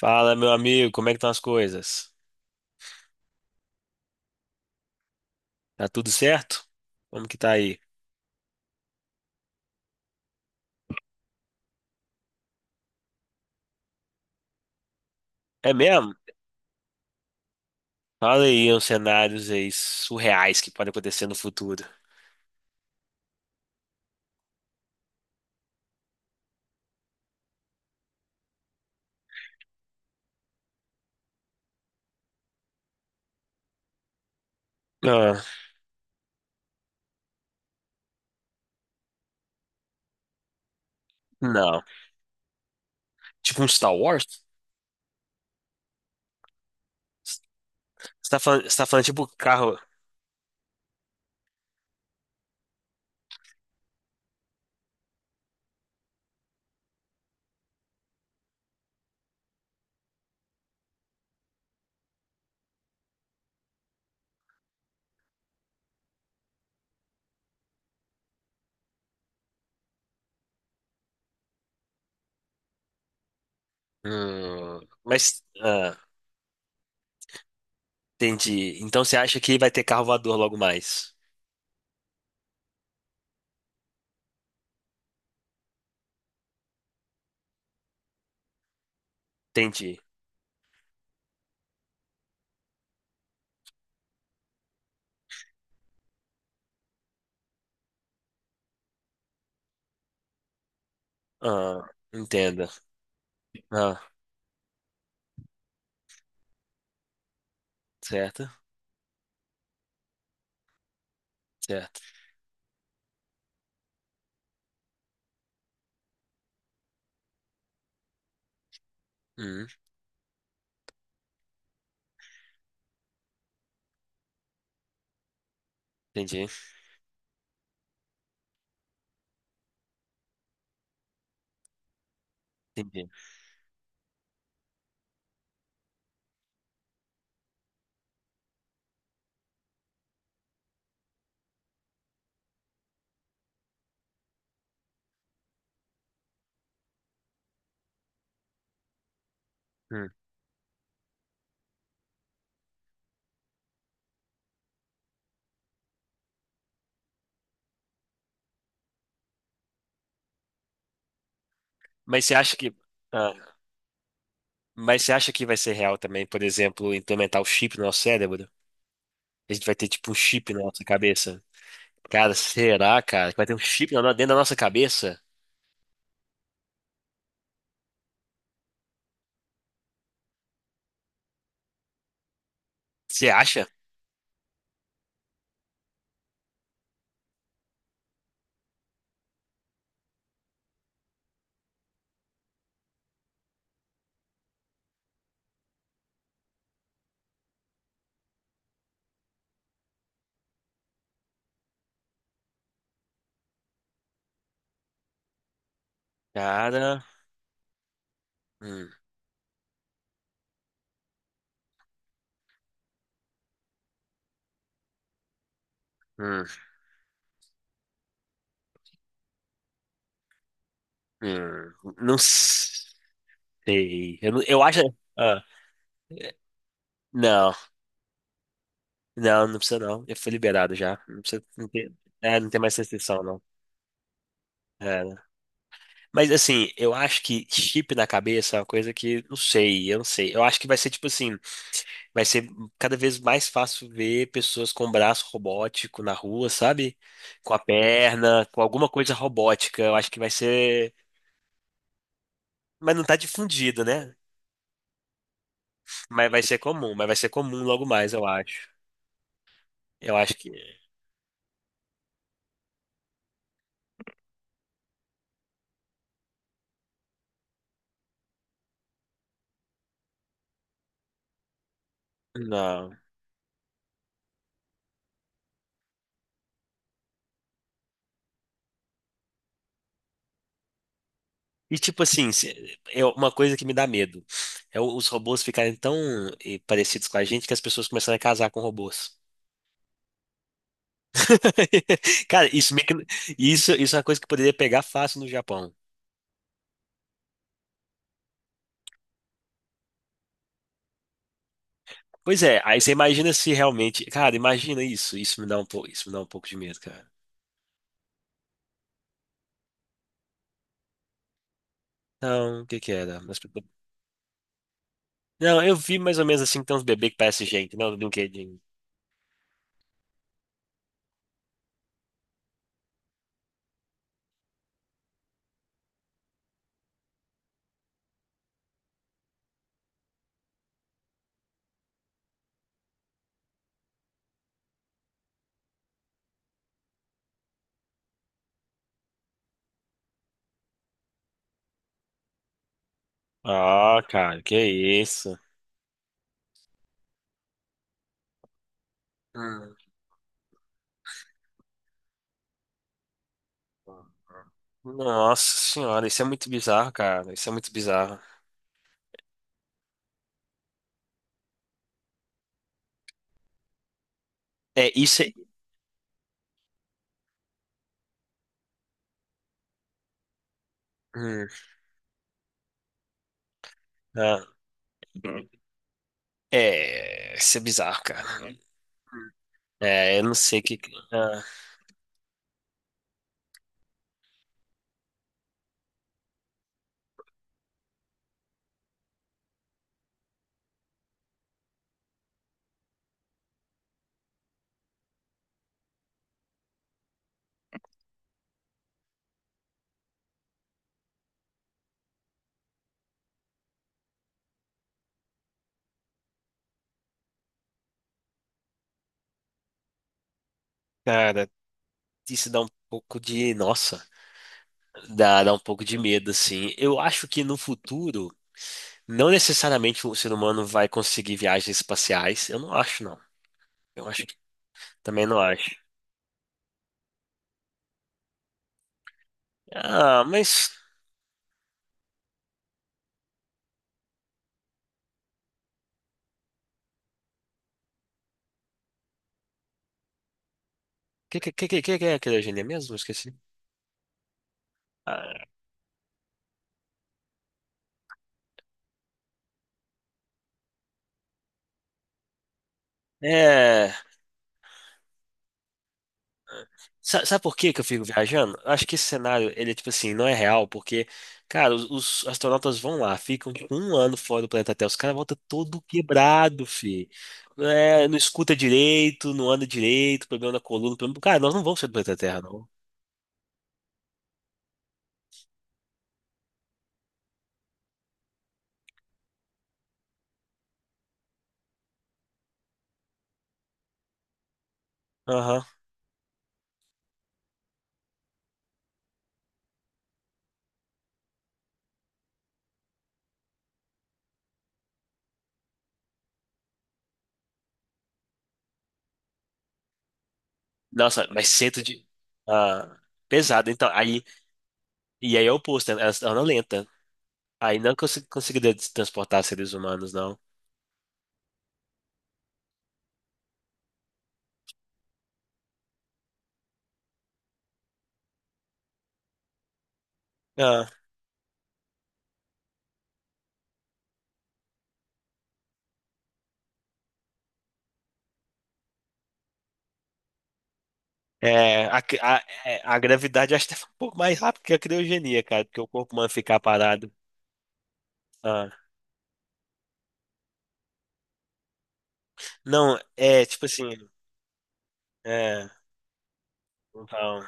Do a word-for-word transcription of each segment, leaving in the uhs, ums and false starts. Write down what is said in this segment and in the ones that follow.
Fala, meu amigo, como é que estão as coisas? Tá tudo certo? Como que tá aí? É mesmo? Fala aí uns cenários aí surreais que podem acontecer no futuro. Ah, não. Tipo um Star Wars? Você tá falando, você tá falando tipo carro. Hum, mas. Ah, Entendi. Então você acha que vai ter carro voador logo mais? Entendi. Ah, entenda. Ah, certo, certo. Hum, entendi, entendi. Hum. Mas você acha que. ah, Mas você acha que vai ser real também, por exemplo, implementar o chip no nosso cérebro? A gente vai ter tipo um chip na nossa cabeça. Cara, será, cara, que vai ter um chip na- dentro da nossa cabeça? Você acha? Cara, hum, hum, hum, não sei. Eu, não- eu acho. Ah, é, não, não, não precisa não. Eu fui liberado já. Não precisa, não tem, é, não tem mais restrição, não. É, né? Mas assim, eu acho que chip na cabeça é uma coisa que, não sei, eu não sei. Eu acho que vai ser tipo assim. Vai ser cada vez mais fácil ver pessoas com braço robótico na rua, sabe? Com a perna, com alguma coisa robótica. Eu acho que vai ser. Mas não tá difundido, né? Mas vai ser comum, mas vai ser comum logo mais, eu acho. Eu acho que. Não. E tipo assim, se- é uma coisa que me dá medo. É o- os robôs ficarem tão eh, parecidos com a gente que as pessoas começarem a casar com robôs. Cara, isso, meio que- isso, isso é uma coisa que poderia pegar fácil no Japão. Pois é, aí você imagina se realmente. Cara, imagina isso. Isso me dá um pouco, isso me dá um pouco de medo, cara. Não, o que que era? Mas- Não, eu vi mais ou menos assim que tem uns bebês que parecem gente, não, do brinquedinho. Ah, cara, que isso? Hum. Nossa senhora, isso é muito bizarro, cara. Isso é muito bizarro. É, isso é. Hum, ah. É, isso é bizarro, cara. É, eu não sei o que. Que- ah, cara, isso dá um pouco de. Nossa. Dá, dá um pouco de medo, assim. Eu acho que no futuro, não necessariamente o ser humano vai conseguir viagens espaciais. Eu não acho, não. Eu acho que também não acho. Ah, mas. O que, que, que, que que é a criogenia mesmo? Eu esqueci. Ah, é. Sa- Sabe por que que eu fico viajando? Eu acho que esse cenário, ele é tipo assim, não é real, porque, cara, os, os astronautas vão lá, ficam tipo, um ano fora do planeta Terra, os caras voltam todo quebrado, fi. É, não escuta direito, não anda direito, problema na coluna, problema... Cara, nós não vamos sair do planeta Terra, não. Aham. Nossa, mas centro de... Ah, pesado, então, aí... E aí é o oposto, né? Elas andam lenta. Aí não cons conseguiria transportar seres humanos, não. É, a, a, é, a gravidade acho que é um pouco mais rápido que a criogenia, cara, porque o corpo humano ficar parado. Ah, não, é tipo assim. É, então,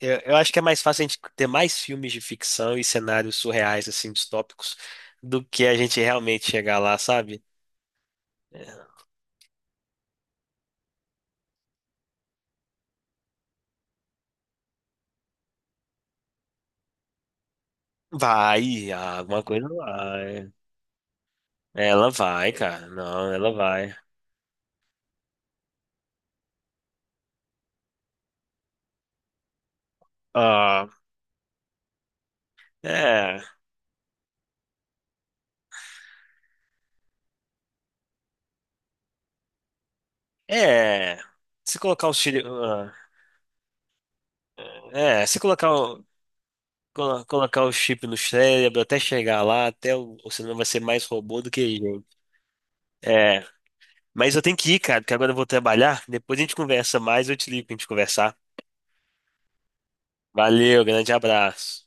eu, eu acho que é mais fácil a gente ter mais filmes de ficção e cenários surreais, assim, distópicos, do que a gente realmente chegar lá, sabe? É, vai, ah, alguma coisa vai. Ela vai, cara. Não, ela vai. Ah, é, é. Se colocar os. Filhos é, se colocar. Colo- Colocar o chip no cérebro até chegar lá, até o, o cinema vai ser mais robô do que gente. É, mas eu tenho que ir, cara, porque agora eu vou trabalhar. Depois a gente conversa mais, eu te ligo pra gente conversar. Valeu, grande abraço.